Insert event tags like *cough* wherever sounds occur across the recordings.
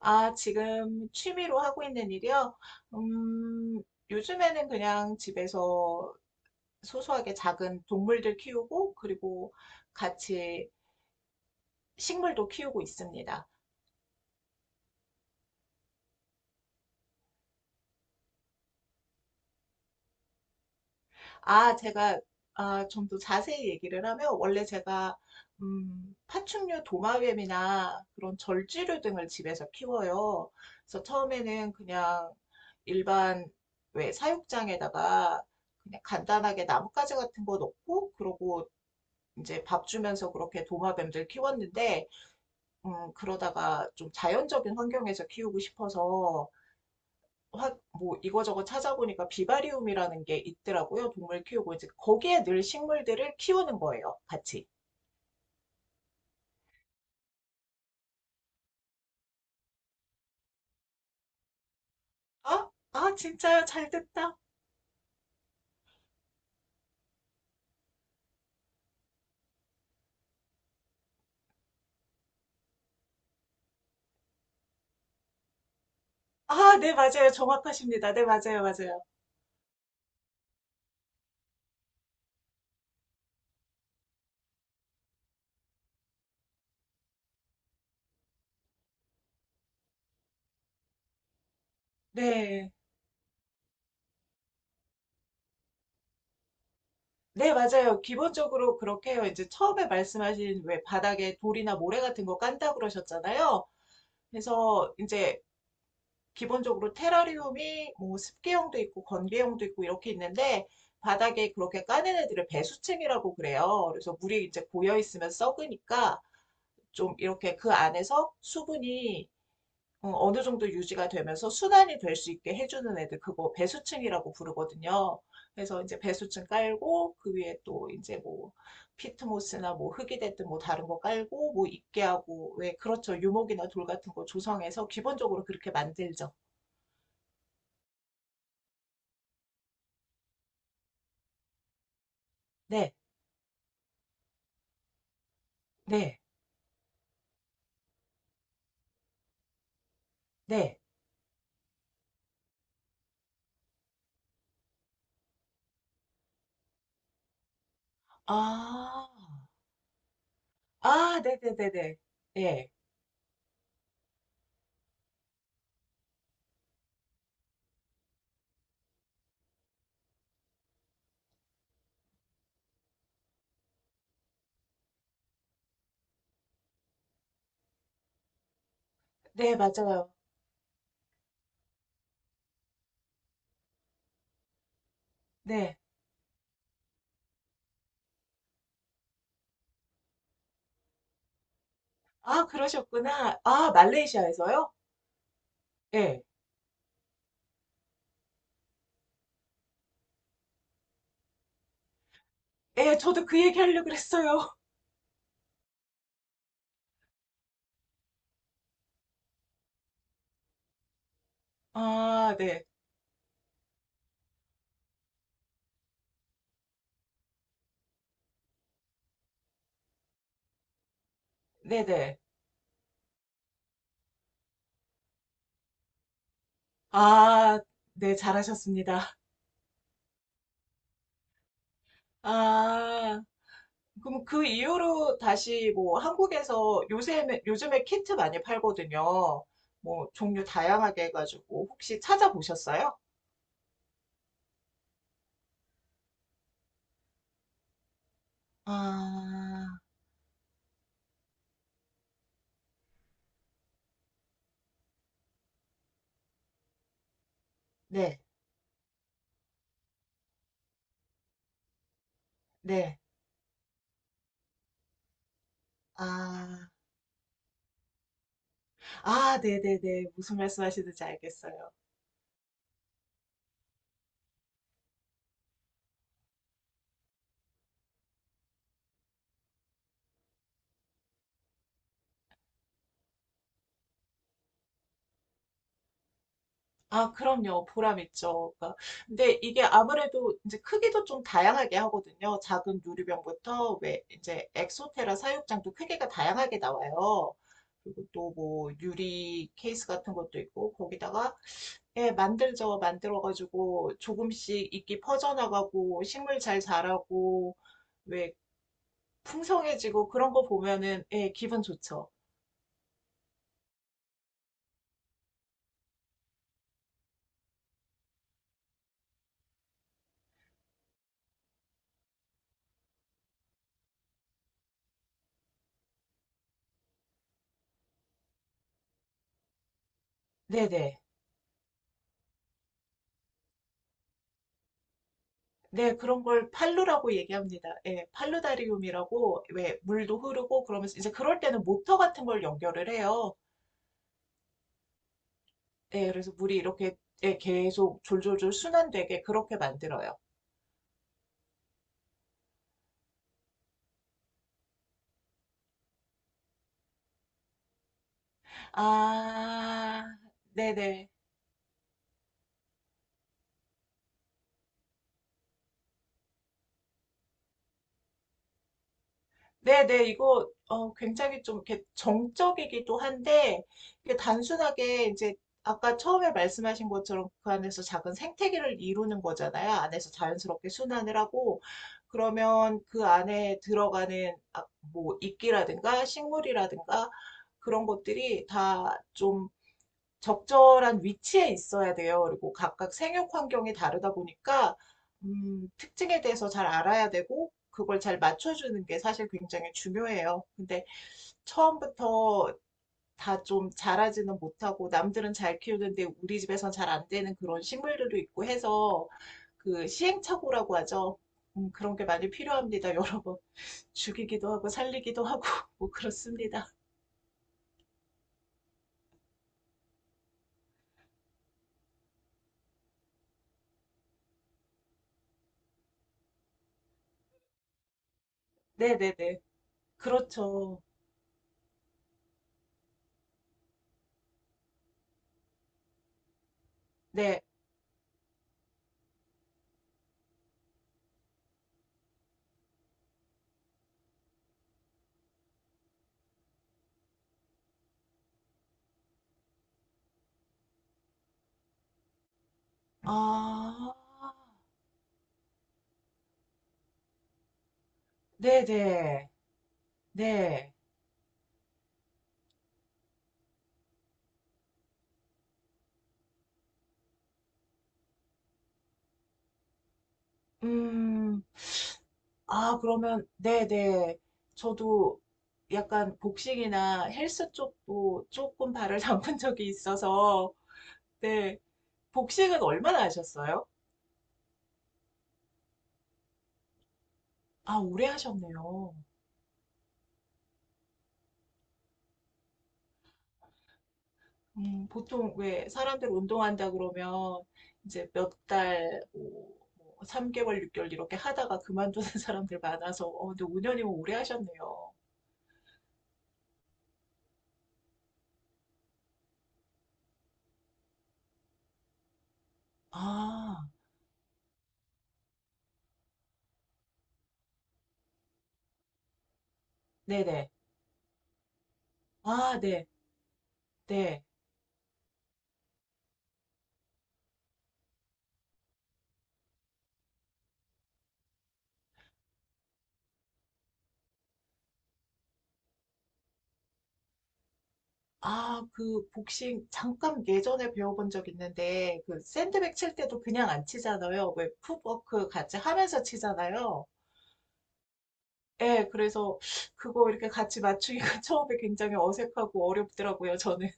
아, 지금 취미로 하고 있는 일이요? 음, 요즘에는 그냥 집에서 소소하게 작은 동물들 키우고, 그리고 같이 식물도 키우고 있습니다. 아, 제가, 좀 더 자세히 얘기를 하면, 원래 제가, 파충류 도마뱀이나 그런 절지류 등을 집에서 키워요. 그래서 처음에는 그냥 일반, 왜, 사육장에다가 그냥 간단하게 나뭇가지 같은 거 넣고, 그러고 이제 밥 주면서 그렇게 도마뱀들 키웠는데, 그러다가 좀 자연적인 환경에서 키우고 싶어서, 뭐 이거저거 찾아보니까 비바리움이라는 게 있더라고요. 동물 키우고 이제 거기에 늘 식물들을 키우는 거예요. 같이. 아, 진짜요? 잘 됐다. 아, 네, 맞아요. 정확하십니다. 네, 맞아요. 맞아요. 네. 네, 맞아요. 기본적으로 그렇게 해요. 이제 처음에 말씀하신 왜 바닥에 돌이나 모래 같은 거 깐다 그러셨잖아요. 그래서 이제 기본적으로 테라리움이 뭐 습기형도 있고 건기형도 있고 이렇게 있는데 바닥에 그렇게 까는 애들을 배수층이라고 그래요. 그래서 물이 이제 고여 있으면 썩으니까 좀 이렇게 그 안에서 수분이 느 정도 유지가 되면서 순환이 될 수 있게 해주는 애들 그거 배수층이라고 부르거든요. 그래서 이제 배수층 깔고 그 위에 또 이제 뭐 피트모스나 뭐 흙이 됐든 뭐 다른 거 깔고 뭐 있게 하고 왜 그렇죠 유목이나 돌 같은 거 조성해서 기본적으로 그렇게 만들죠. 네. 네. 네. 아. 아 네네네네. 네. 네, 예. 네, 맞아요. 네. 아 그러셨구나. 아 말레이시아에서요? 예. 예, 저도 그 얘기하려고 그랬어요. *laughs* 아 네. 네네. 아 네, 잘하셨습니다. 아. 그럼 그 이후로 다시 뭐 한국에서 요새 요즘에 키트 많이 팔거든요. 뭐 종류 다양하게 해가지고 혹시 찾아보셨어요? 아, 네, 네. 아. 아, 네네네. 무슨 말씀하시는지 알겠어요. 아, 그럼요. 보람 있죠. 그러니까 근데 이게 아무래도 이제 크기도 좀 다양하게 하거든요. 작은 유리병부터 왜 이제 엑소테라 사육장도 크기가 다양하게 나와요. 그리고 또 뭐 유리 케이스 같은 것도 있고 거기다가 예, 만들죠. 만들어가지고 조금씩 이끼 퍼져나가고 식물 잘 자라고 왜 풍성해지고 그런 거 보면은 예, 기분 좋죠. 네네. 네, 그런 걸 팔루라고 얘기합니다. 예, 팔루다리움이라고 왜 물도 흐르고 그러면서 이제 그럴 때는 모터 같은 걸 연결을 해요. 예, 그래서 물이 이렇게 예, 계속 졸졸졸 순환되게 그렇게 만들어요. 아, 네네. 네, 네, 이거 굉장히 좀 이렇게 정적이기도 한데 이게 단순하게 이제 아까 처음에 말씀하신 것처럼 그 안에서 작은 생태계를 이루는 거잖아요. 안에서 자연스럽게 순환을 하고 그러면 그 안에 들어가는 아, 뭐 이끼라든가 식물이라든가 그런 것들이 다좀 적절한 위치에 있어야 돼요. 그리고 각각 생육 환경이 다르다 보니까 특징에 대해서 잘 알아야 되고 그걸 잘 맞춰주는 게 사실 굉장히 중요해요. 근데 처음부터 다 좀 자라지는 못하고 남들은 잘 키우는데 우리 집에선 잘 안 되는 그런 식물들도 있고 해서 그 시행착오라고 하죠. 그런 게 많이 필요합니다, 여러분. *laughs* 죽이기도 하고 살리기도 하고 *laughs* 뭐 그렇습니다. 네네네. 그렇죠. 네. 아, 네네, 네. 음, 아, 그러면, 네네. 저도 약간 복식이나 헬스 쪽도 조금 발을 *laughs* 담근 적이 있어서, 네. 복식은 얼마나 하셨어요? 아, 오래 하셨네요. 보통 왜 사람들 운동한다 그러면 이제 몇 달, 뭐 3개월, 6개월 이렇게 하다가 그만두는 *laughs* 사람들 많아서, 근데 5년이면 오래 하셨네요. 아, 네네. 아, 네, 네. 아, 그 복싱 잠깐 예전에 배워본 적 있는데 그 샌드백 칠 때도 그냥 안 치잖아요. 왜 풋워크 같이 하면서 치잖아요. 예, 그래서 그거 이렇게 같이 맞추기가 *laughs* 처음에 굉장히 어색하고 어렵더라고요, 저는.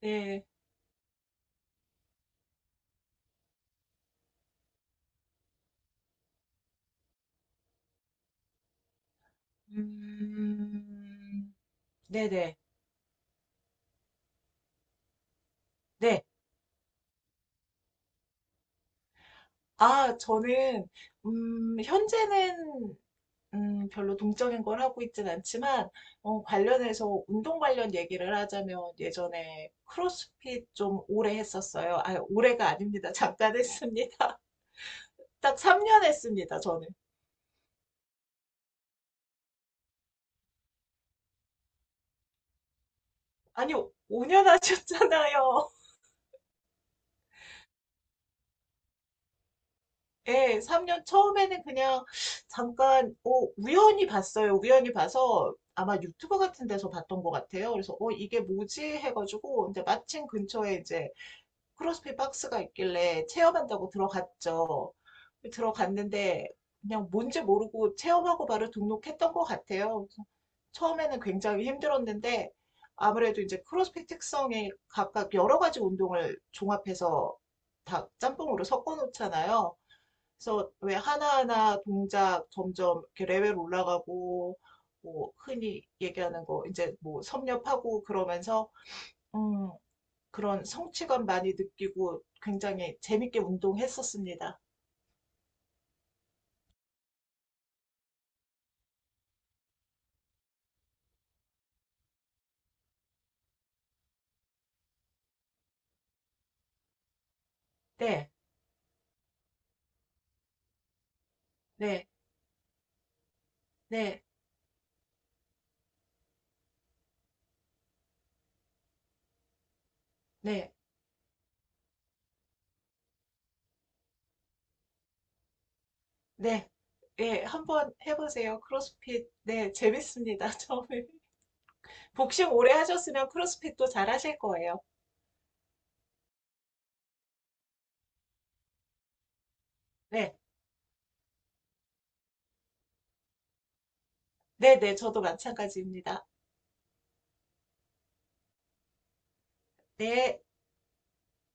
네. 음, 네네. 네. 저는 현재는 별로 동적인 걸 하고 있진 않지만, 관련해서 운동 관련 얘기를 하자면 예전에 크로스핏 좀 오래 했었어요. 아, 오래가 아닙니다. 잠깐 했습니다. *laughs* 딱 3년 했습니다, 저는. 아니, 5년 하셨잖아요. *laughs* 예, 3년 처음에는 그냥 잠깐, 어, 우연히 봤어요. 우연히 봐서 아마 유튜버 같은 데서 봤던 것 같아요. 그래서, 이게 뭐지? 해가지고, 이제 마침 근처에 이제 크로스핏 박스가 있길래 체험한다고 들어갔죠. 들어갔는데 그냥 뭔지 모르고 체험하고 바로 등록했던 것 같아요. 처음에는 굉장히 힘들었는데 아무래도 이제 크로스핏 특성에 각각 여러 가지 운동을 종합해서 다 짬뽕으로 섞어 놓잖아요. 그래서 왜 하나하나 동작 점점 이렇게 레벨 올라가고 뭐 흔히 얘기하는 거 이제 뭐 섭렵하고 그러면서 음, 그런 성취감 많이 느끼고 굉장히 재밌게 운동했었습니다. 네, 네, 네, 네, 네. 예, 한번 해보세요. 크로스핏. 네, 재밌습니다. *laughs* 처음에. 복싱 오래 하셨으면 크로스핏도 잘 하실 거예요. 네, 네, 네. 저도 마찬가지입니다. 네.